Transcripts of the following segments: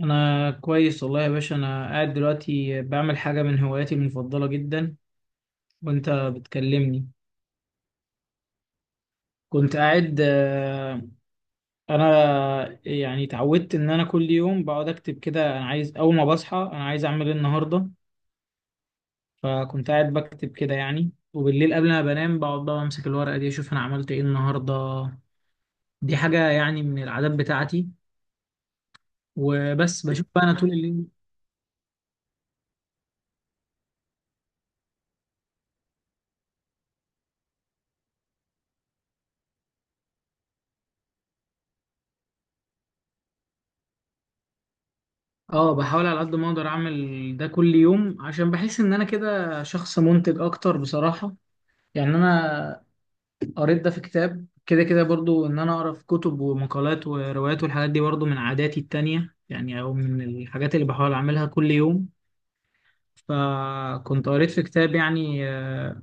انا كويس والله يا باشا، انا قاعد دلوقتي بعمل حاجه من هواياتي المفضله جدا وانت بتكلمني. كنت قاعد، انا يعني اتعودت ان انا كل يوم بقعد اكتب كده، انا عايز اول ما بصحى انا عايز اعمل ايه النهارده. فكنت قاعد بكتب كده يعني، وبالليل قبل ما بنام بقعد بقى امسك الورقه دي اشوف انا عملت ايه النهارده. دي حاجه يعني من العادات بتاعتي، وبس بشوف بقى انا طول الليل. اه بحاول على قد ما اقدر اعمل ده كل يوم عشان بحس ان انا كده شخص منتج اكتر بصراحة. يعني انا قريت ده في كتاب كده كده برضو، ان انا اقرا في كتب ومقالات وروايات، والحاجات دي برضو من عاداتي التانية يعني، او من الحاجات اللي بحاول اعملها كل يوم. فكنت قريت في كتاب يعني،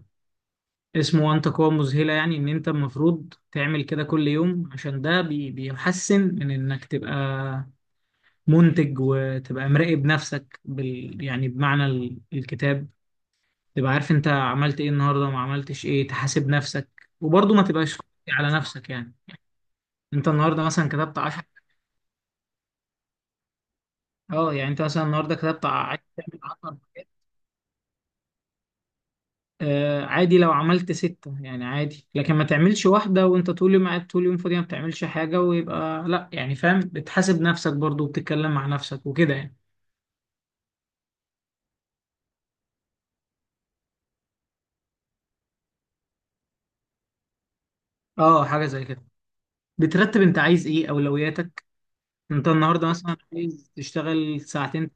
اسمه وانت قوة مذهلة، يعني ان انت المفروض تعمل كده كل يوم عشان ده بيحسن من انك تبقى منتج وتبقى مراقب نفسك يعني بمعنى الكتاب، تبقى عارف انت عملت ايه النهارده وما عملتش ايه، تحاسب نفسك وبرضه ما تبقاش قاسي على نفسك يعني. انت النهارده مثلا كتبت 10، اه يعني انت مثلا النهارده كتبت عايز تعمل 10 حاجات، آه عادي لو عملت ستة يعني عادي، لكن ما تعملش واحدة وانت طول يوم قاعد طول يوم فاضي ما بتعملش حاجة، ويبقى لا يعني فاهم، بتحاسب نفسك برضه وبتتكلم مع نفسك وكده يعني. اه حاجة زي كده، بترتب انت عايز ايه اولوياتك، انت النهارده مثلا عايز تشتغل ساعتين.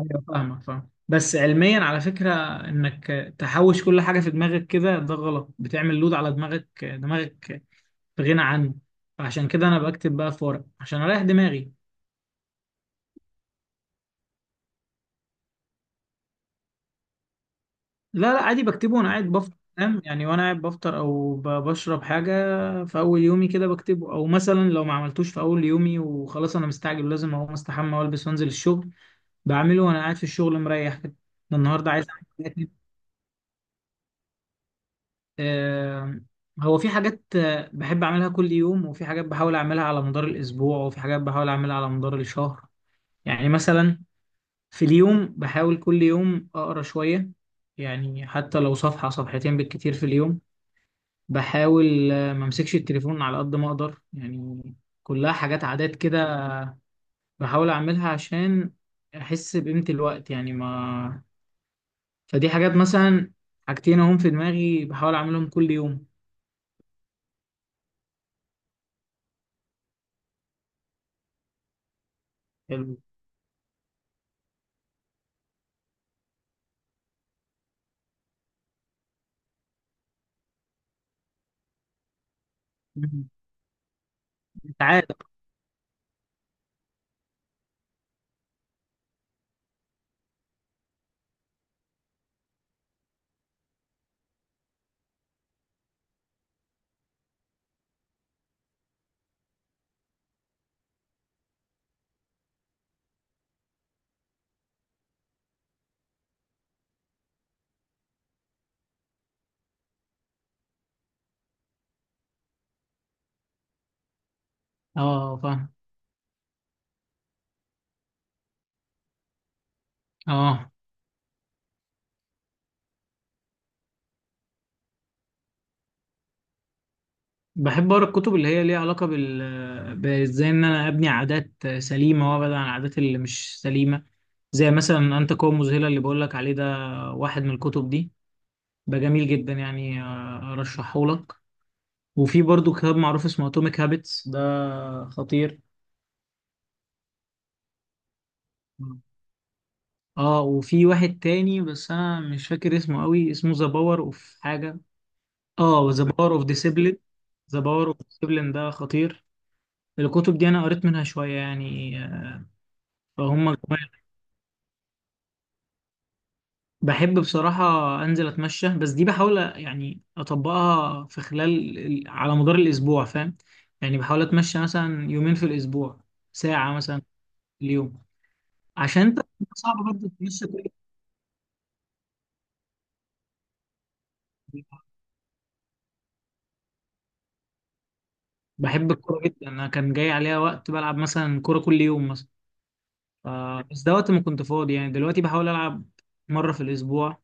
ايوه فاهمك فاهم، بس علميا على فكره، انك تحوش كل حاجه في دماغك كده ده غلط، بتعمل لود على دماغك. دماغك بغنى عنه، فعشان كده انا بكتب بقى في ورق عشان اريح دماغي. لا لا عادي، بكتبه وانا قاعد بفطر فاهم يعني، وانا قاعد بفطر او بشرب حاجه في اول يومي كده بكتبه، او مثلا لو ما عملتوش في اول يومي وخلاص انا مستعجل لازم اقوم استحمى والبس وانزل الشغل، بعمله وانا قاعد في الشغل مريح كده. ده النهارده عايز أعمل، آه، هو في حاجات، بحب أعملها كل يوم، وفي حاجات بحاول أعملها على مدار الأسبوع، وفي حاجات بحاول أعملها على مدار الشهر، يعني مثلا في اليوم بحاول كل يوم أقرأ شوية، يعني حتى لو صفحة صفحتين بالكتير في اليوم، بحاول ما أمسكش التليفون على قد ما أقدر يعني، كلها حاجات عادات كده بحاول أعملها عشان أحس بقيمة الوقت يعني ما، فدي حاجات مثلا، حاجتين أهم في دماغي بحاول أعملهم كل يوم. حلو. مم. عادة. اه فاهم. اه بحب اقرا الكتب اللي هي ليها علاقه بازاي ان انا ابني عادات سليمه وابعد عن العادات اللي مش سليمه، زي مثلا انت قوه مذهله اللي بقول لك عليه ده، واحد من الكتب دي، ده جميل جدا يعني، ارشحه لك. وفي برضو كتاب معروف اسمه اتوميك هابتس، ده خطير. اه وفي واحد تاني بس انا مش فاكر اسمه قوي، اسمه ذا باور اوف حاجه، اه ذا باور اوف ديسيبلين، ذا باور اوف ديسيبلين ده خطير. الكتب دي انا قريت منها شويه يعني. فهم كمان. بحب بصراحة أنزل أتمشى، بس دي بحاول يعني أطبقها في خلال على مدار الأسبوع فاهم، يعني بحاول أتمشى مثلا يومين في الأسبوع، ساعة مثلا في اليوم، عشان أنت صعب برضه تتمشى كل يوم. بحب الكورة جدا، أنا كان جاي عليها وقت بلعب مثلا كورة كل يوم مثلا، ف- بس ده وقت ما كنت فاضي يعني، دلوقتي بحاول ألعب مرة في الأسبوع،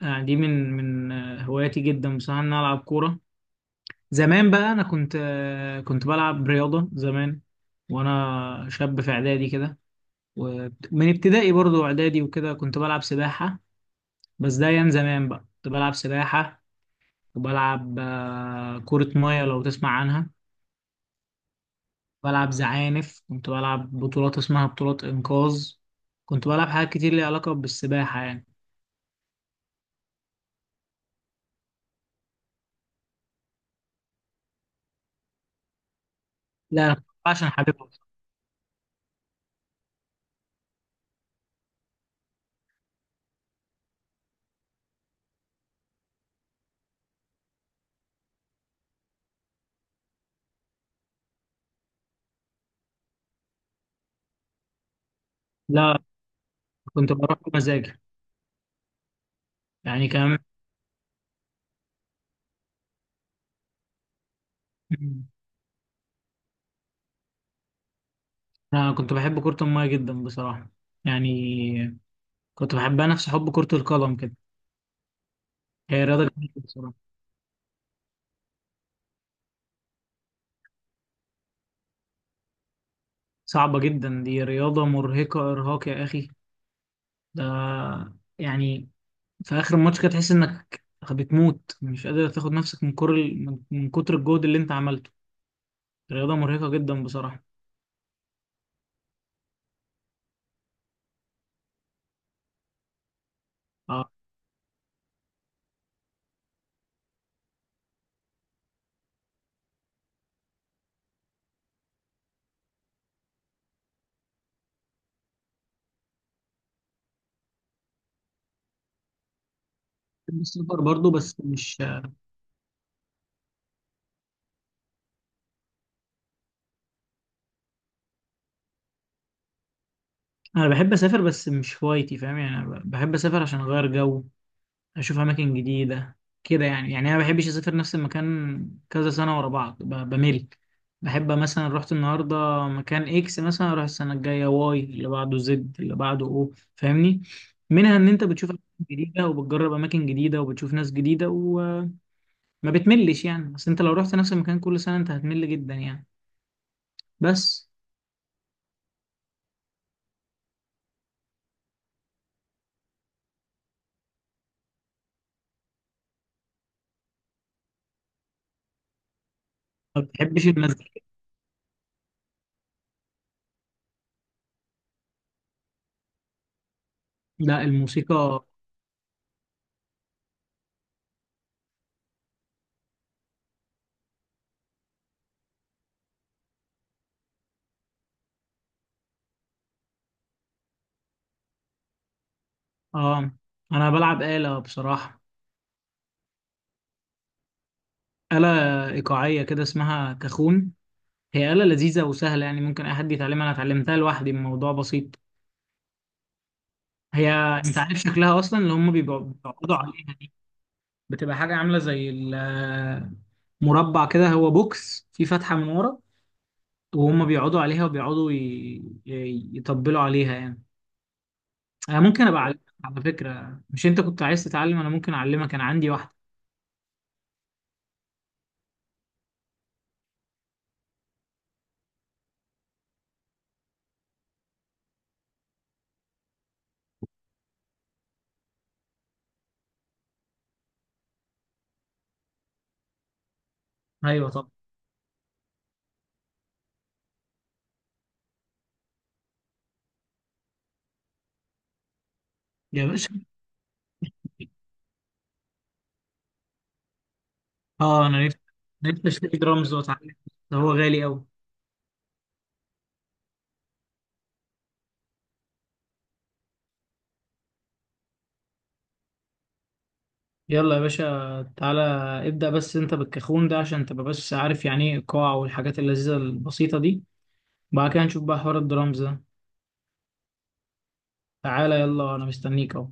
يعني دي من هواياتي جدا بصراحة، إن أنا ألعب كورة. زمان بقى انا كنت بلعب رياضه زمان وانا شاب في اعدادي كده، ومن ابتدائي برضو اعدادي وكده كنت بلعب سباحه، بس ده ايام زمان بقى كنت بلعب سباحه، وبلعب كره ميه لو تسمع عنها، بلعب زعانف، كنت بلعب بطولات اسمها بطولات انقاذ، كنت بلعب حاجات كتير ليها علاقه بالسباحه يعني. لا انا كنت بلعب عشان حاببها. لا كنت بروح بمزاجي يعني كمان. انا كنت بحب كره الميه جدا بصراحه، يعني كنت بحبها نفس حب كرة القدم كده، هي رياضة جميلة بصراحة، صعبة جدا، دي رياضة مرهقة إرهاق يا أخي، ده يعني في آخر الماتش كده تحس إنك بتموت، مش قادر تاخد نفسك من كر من من كتر الجهد اللي أنت عملته، رياضة مرهقة جدا بصراحة. آه، بحب السفر برضو بس مش، أنا بحب أسافر بس مش هوايتي فاهم يعني، أنا بحب أسافر عشان أغير جو، اشوف اماكن جديده كده يعني، يعني انا ما بحبش اسافر نفس المكان كذا سنه ورا بعض بمل. بحب مثلا رحت النهارده مكان اكس مثلا، اروح السنه الجايه واي اللي بعده زد اللي بعده او، فاهمني، منها ان انت بتشوف اماكن جديده وبتجرب اماكن جديده وبتشوف ناس جديده وما بتملش يعني، بس انت لو رحت نفس المكان كل سنه انت هتمل جدا يعني بس. ما بتحبش المزيكا؟ لا الموسيقى. اه انا بلعب آلة بصراحه، آلة إيقاعية كده اسمها كاخون، هي آلة لذيذة وسهلة يعني، ممكن أي حد يتعلمها، أنا اتعلمتها لوحدي، الموضوع بسيط. هي أنت عارف شكلها أصلا، اللي هم بيقعدوا عليها دي، بتبقى حاجة عاملة زي مربع كده، هو بوكس فيه فتحة من ورا، وهم بيقعدوا عليها وبيقعدوا يطبلوا عليها يعني. أنا ممكن أبقى أعلمك على فكرة، مش أنت كنت عايز تتعلم؟ أنا ممكن أعلمك، أنا عندي واحدة. أيوه طبعا يا باشا. أه أنا نفسي، نفسي أشتري درامز وأتعلم، ده هو غالي أوي. يلا يا باشا تعالى، ابدأ بس انت بالكاخون ده عشان تبقى بس عارف يعني ايه القاع والحاجات اللذيذة البسيطة دي، بعد كده نشوف بقى حوار الدرامز ده، تعالى يلا انا مستنيك اهو.